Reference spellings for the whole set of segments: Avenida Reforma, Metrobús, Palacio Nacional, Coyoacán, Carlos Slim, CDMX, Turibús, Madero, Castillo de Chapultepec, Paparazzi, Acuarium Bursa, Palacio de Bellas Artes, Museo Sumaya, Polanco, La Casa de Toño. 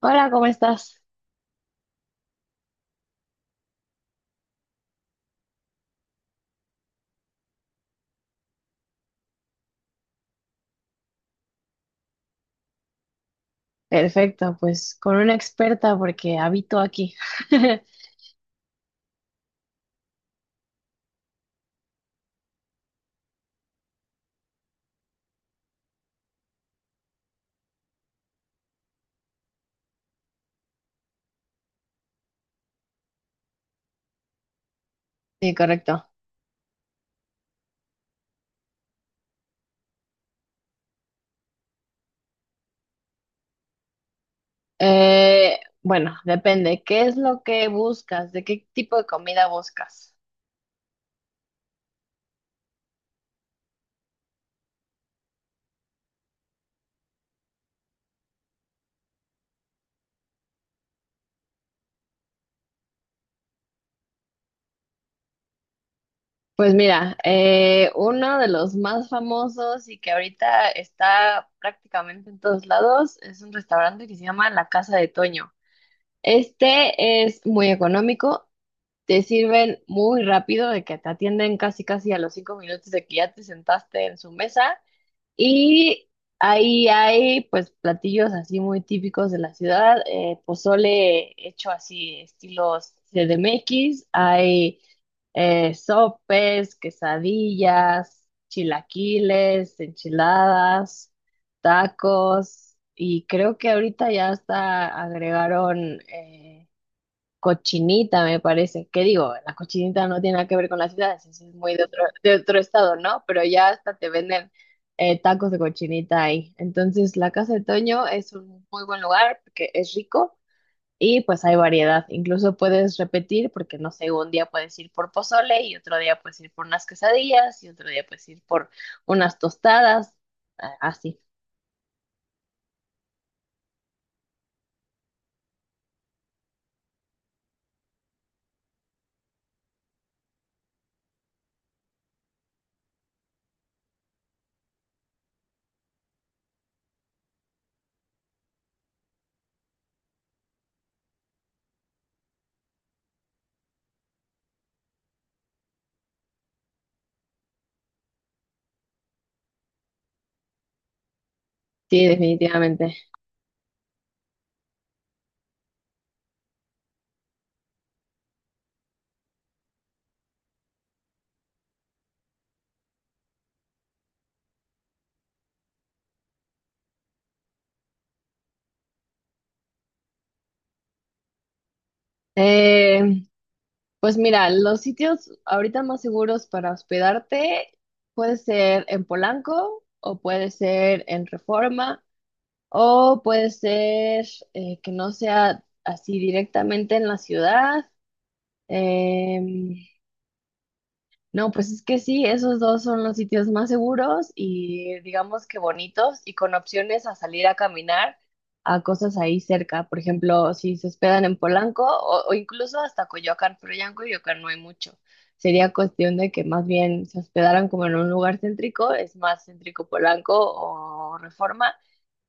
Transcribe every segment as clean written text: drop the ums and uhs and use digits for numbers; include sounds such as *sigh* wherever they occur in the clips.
Hola, ¿cómo estás? Perfecto, pues con una experta porque habito aquí. *laughs* Sí, correcto. Bueno, depende. ¿Qué es lo que buscas? ¿De qué tipo de comida buscas? Pues mira, uno de los más famosos y que ahorita está prácticamente en todos lados es un restaurante que se llama La Casa de Toño. Este es muy económico, te sirven muy rápido, de que te atienden casi casi a los 5 minutos de que ya te sentaste en su mesa. Y ahí hay pues platillos así muy típicos de la ciudad, pozole hecho así estilos CDMX, hay sopes, quesadillas, chilaquiles, enchiladas, tacos, y creo que ahorita ya hasta agregaron, cochinita, me parece. ¿Qué digo? La cochinita no tiene nada que ver con las ciudades, eso es muy de otro estado, ¿no? Pero ya hasta te venden tacos de cochinita ahí. Entonces, la Casa de Toño es un muy buen lugar porque es rico y pues hay variedad. Incluso puedes repetir porque, no sé, un día puedes ir por pozole y otro día puedes ir por unas quesadillas y otro día puedes ir por unas tostadas. Ah, así, sí, definitivamente. Eh, Pues mira, los sitios ahorita más seguros para hospedarte puede ser en Polanco o puede ser en Reforma o puede ser que no sea así directamente en la ciudad. Em, no, pues es que sí, esos dos son los sitios más seguros y digamos que bonitos y con opciones a salir a caminar a cosas ahí cerca. Por ejemplo, si se hospedan en Polanco o incluso hasta Coyoacán, pero ya en Coyoacán no hay mucho. Sería cuestión de que más bien se hospedaran como en un lugar céntrico, es más céntrico Polanco o Reforma,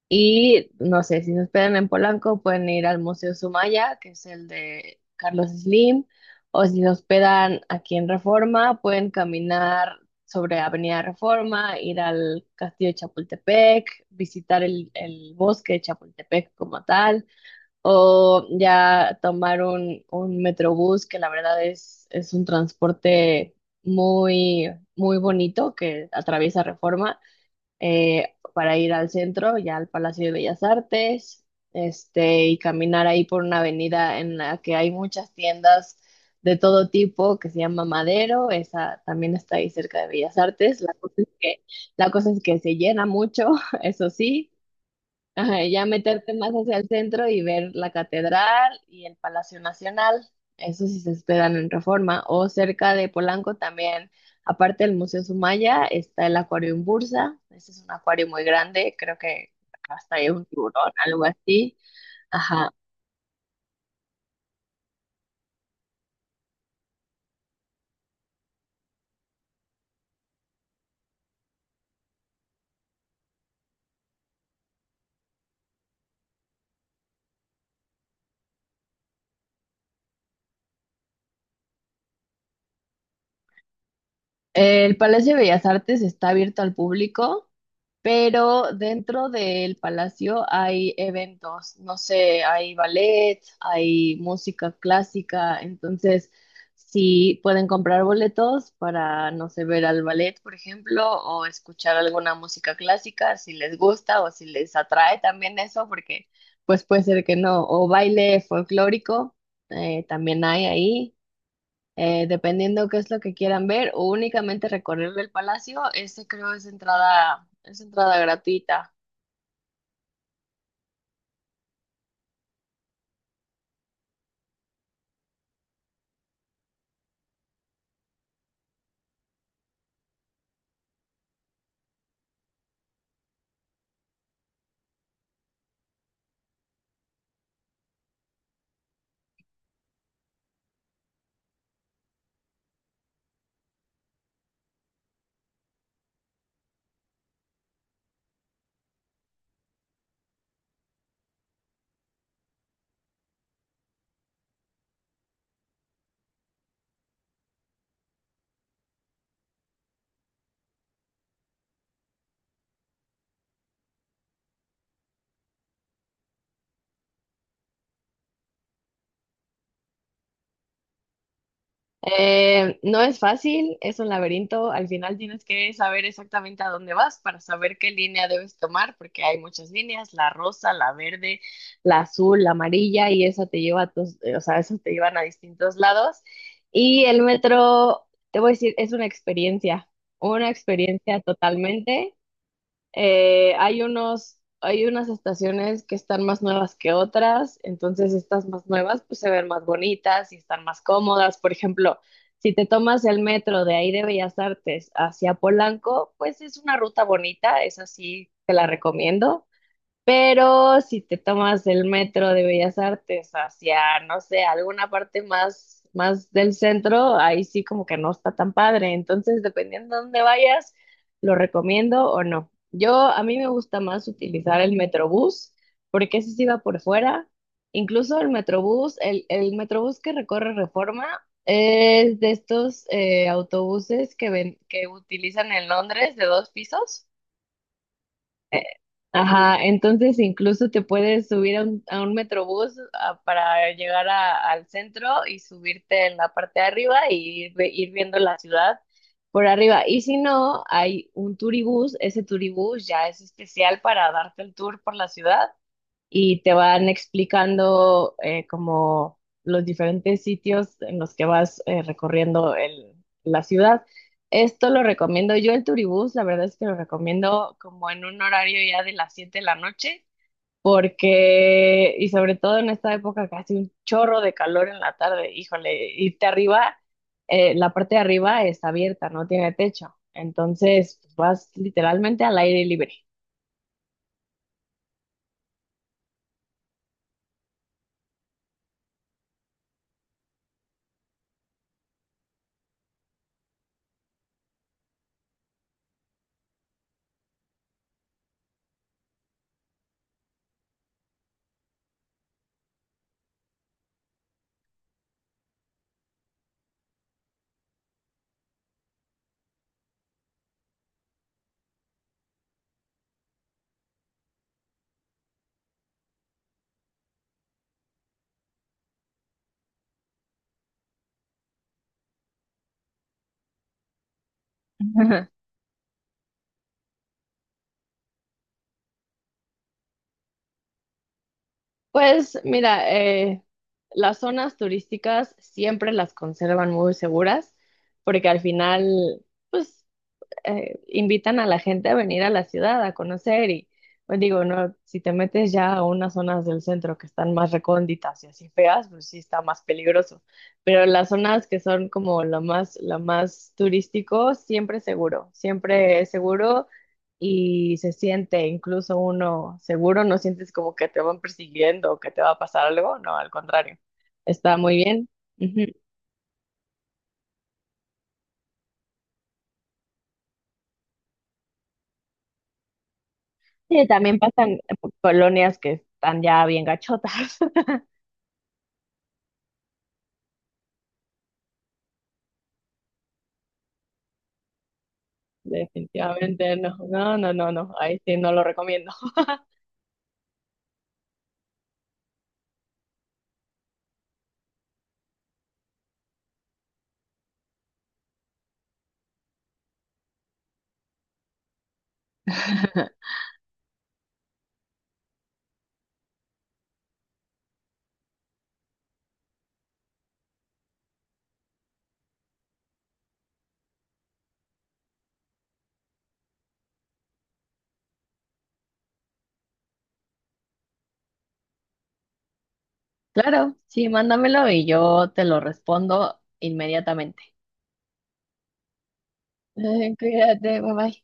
y no sé, si nos esperan en Polanco, pueden ir al Museo Sumaya, que es el de Carlos Slim, o si nos esperan aquí en Reforma, pueden caminar sobre Avenida Reforma, ir al Castillo de Chapultepec, visitar el bosque de Chapultepec como tal, o ya tomar un metrobús, que la verdad es un transporte muy, muy bonito que atraviesa Reforma para ir al centro, ya al Palacio de Bellas Artes, este, y caminar ahí por una avenida en la que hay muchas tiendas de todo tipo, que se llama Madero, esa también está ahí cerca de Bellas Artes. La cosa es que se llena mucho, *laughs* eso sí. Ajá, y ya meterte más hacia el centro y ver la catedral y el Palacio Nacional, eso sí se esperan en Reforma, o cerca de Polanco también, aparte del Museo Sumaya, está el Acuarium Bursa, ese es un acuario muy grande, creo que hasta hay un tiburón, algo así, ajá. El Palacio de Bellas Artes está abierto al público, pero dentro del palacio hay eventos, no sé, hay ballet, hay música clásica, entonces sí pueden comprar boletos para, no sé, ver al ballet, por ejemplo, o escuchar alguna música clásica, si les gusta o si les atrae también eso, porque pues puede ser que no, o baile folclórico, también hay ahí dependiendo qué es lo que quieran ver, o únicamente recorrer el palacio, este creo es entrada gratuita. No es fácil, es un laberinto, al final tienes que saber exactamente a dónde vas para saber qué línea debes tomar, porque hay muchas líneas, la rosa, la verde, la azul, la amarilla, y esa te lleva a o sea, esas te llevan a distintos lados. Y el metro, te voy a decir, es una experiencia totalmente. Hay unas estaciones que están más nuevas que otras, entonces estas más nuevas pues se ven más bonitas y están más cómodas. Por ejemplo, si te tomas el metro de ahí de Bellas Artes hacia Polanco, pues es una ruta bonita, es así, te la recomiendo. Pero si te tomas el metro de Bellas Artes hacia, no sé, alguna parte más del centro, ahí sí como que no está tan padre. Entonces, dependiendo de dónde vayas, lo recomiendo o no. Yo, a mí me gusta más utilizar el Metrobús, porque ese sí va por fuera. Incluso el Metrobús, el Metrobús que recorre Reforma, es de estos autobuses que ven, que utilizan en Londres de 2 pisos. Eh, Ajá, entonces incluso te puedes subir a un metrobús para llegar al centro y subirte en la parte de arriba y ir viendo la ciudad por arriba. Y si no, hay un turibús, ese turibús ya es especial para darte el tour por la ciudad y te van explicando como los diferentes sitios en los que vas recorriendo la ciudad. Esto lo recomiendo yo, el Turibús, la verdad es que lo recomiendo como en un horario ya de las 7 de la noche, porque, y sobre todo en esta época que hace un chorro de calor en la tarde, híjole, irte arriba, la parte de arriba está abierta, no tiene techo, entonces pues, vas literalmente al aire libre. *laughs* Pues mira, las zonas turísticas siempre las conservan muy seguras porque al final, pues invitan a la gente a venir a la ciudad a conocer y pues digo, no, si te metes ya a unas zonas del centro que están más recónditas y así feas, pues sí está más peligroso. Pero las zonas que son como lo más turístico, siempre es seguro y se siente incluso uno seguro, no sientes como que te van persiguiendo o que te va a pasar algo, no, al contrario, está muy bien. Ujú. Sí, también pasan colonias que están ya bien gachotas. *laughs* Definitivamente no, no, no, no, no, ahí sí no lo recomiendo. *laughs* Claro, sí, mándamelo y yo te lo respondo inmediatamente. *laughs* Cuídate, bye bye.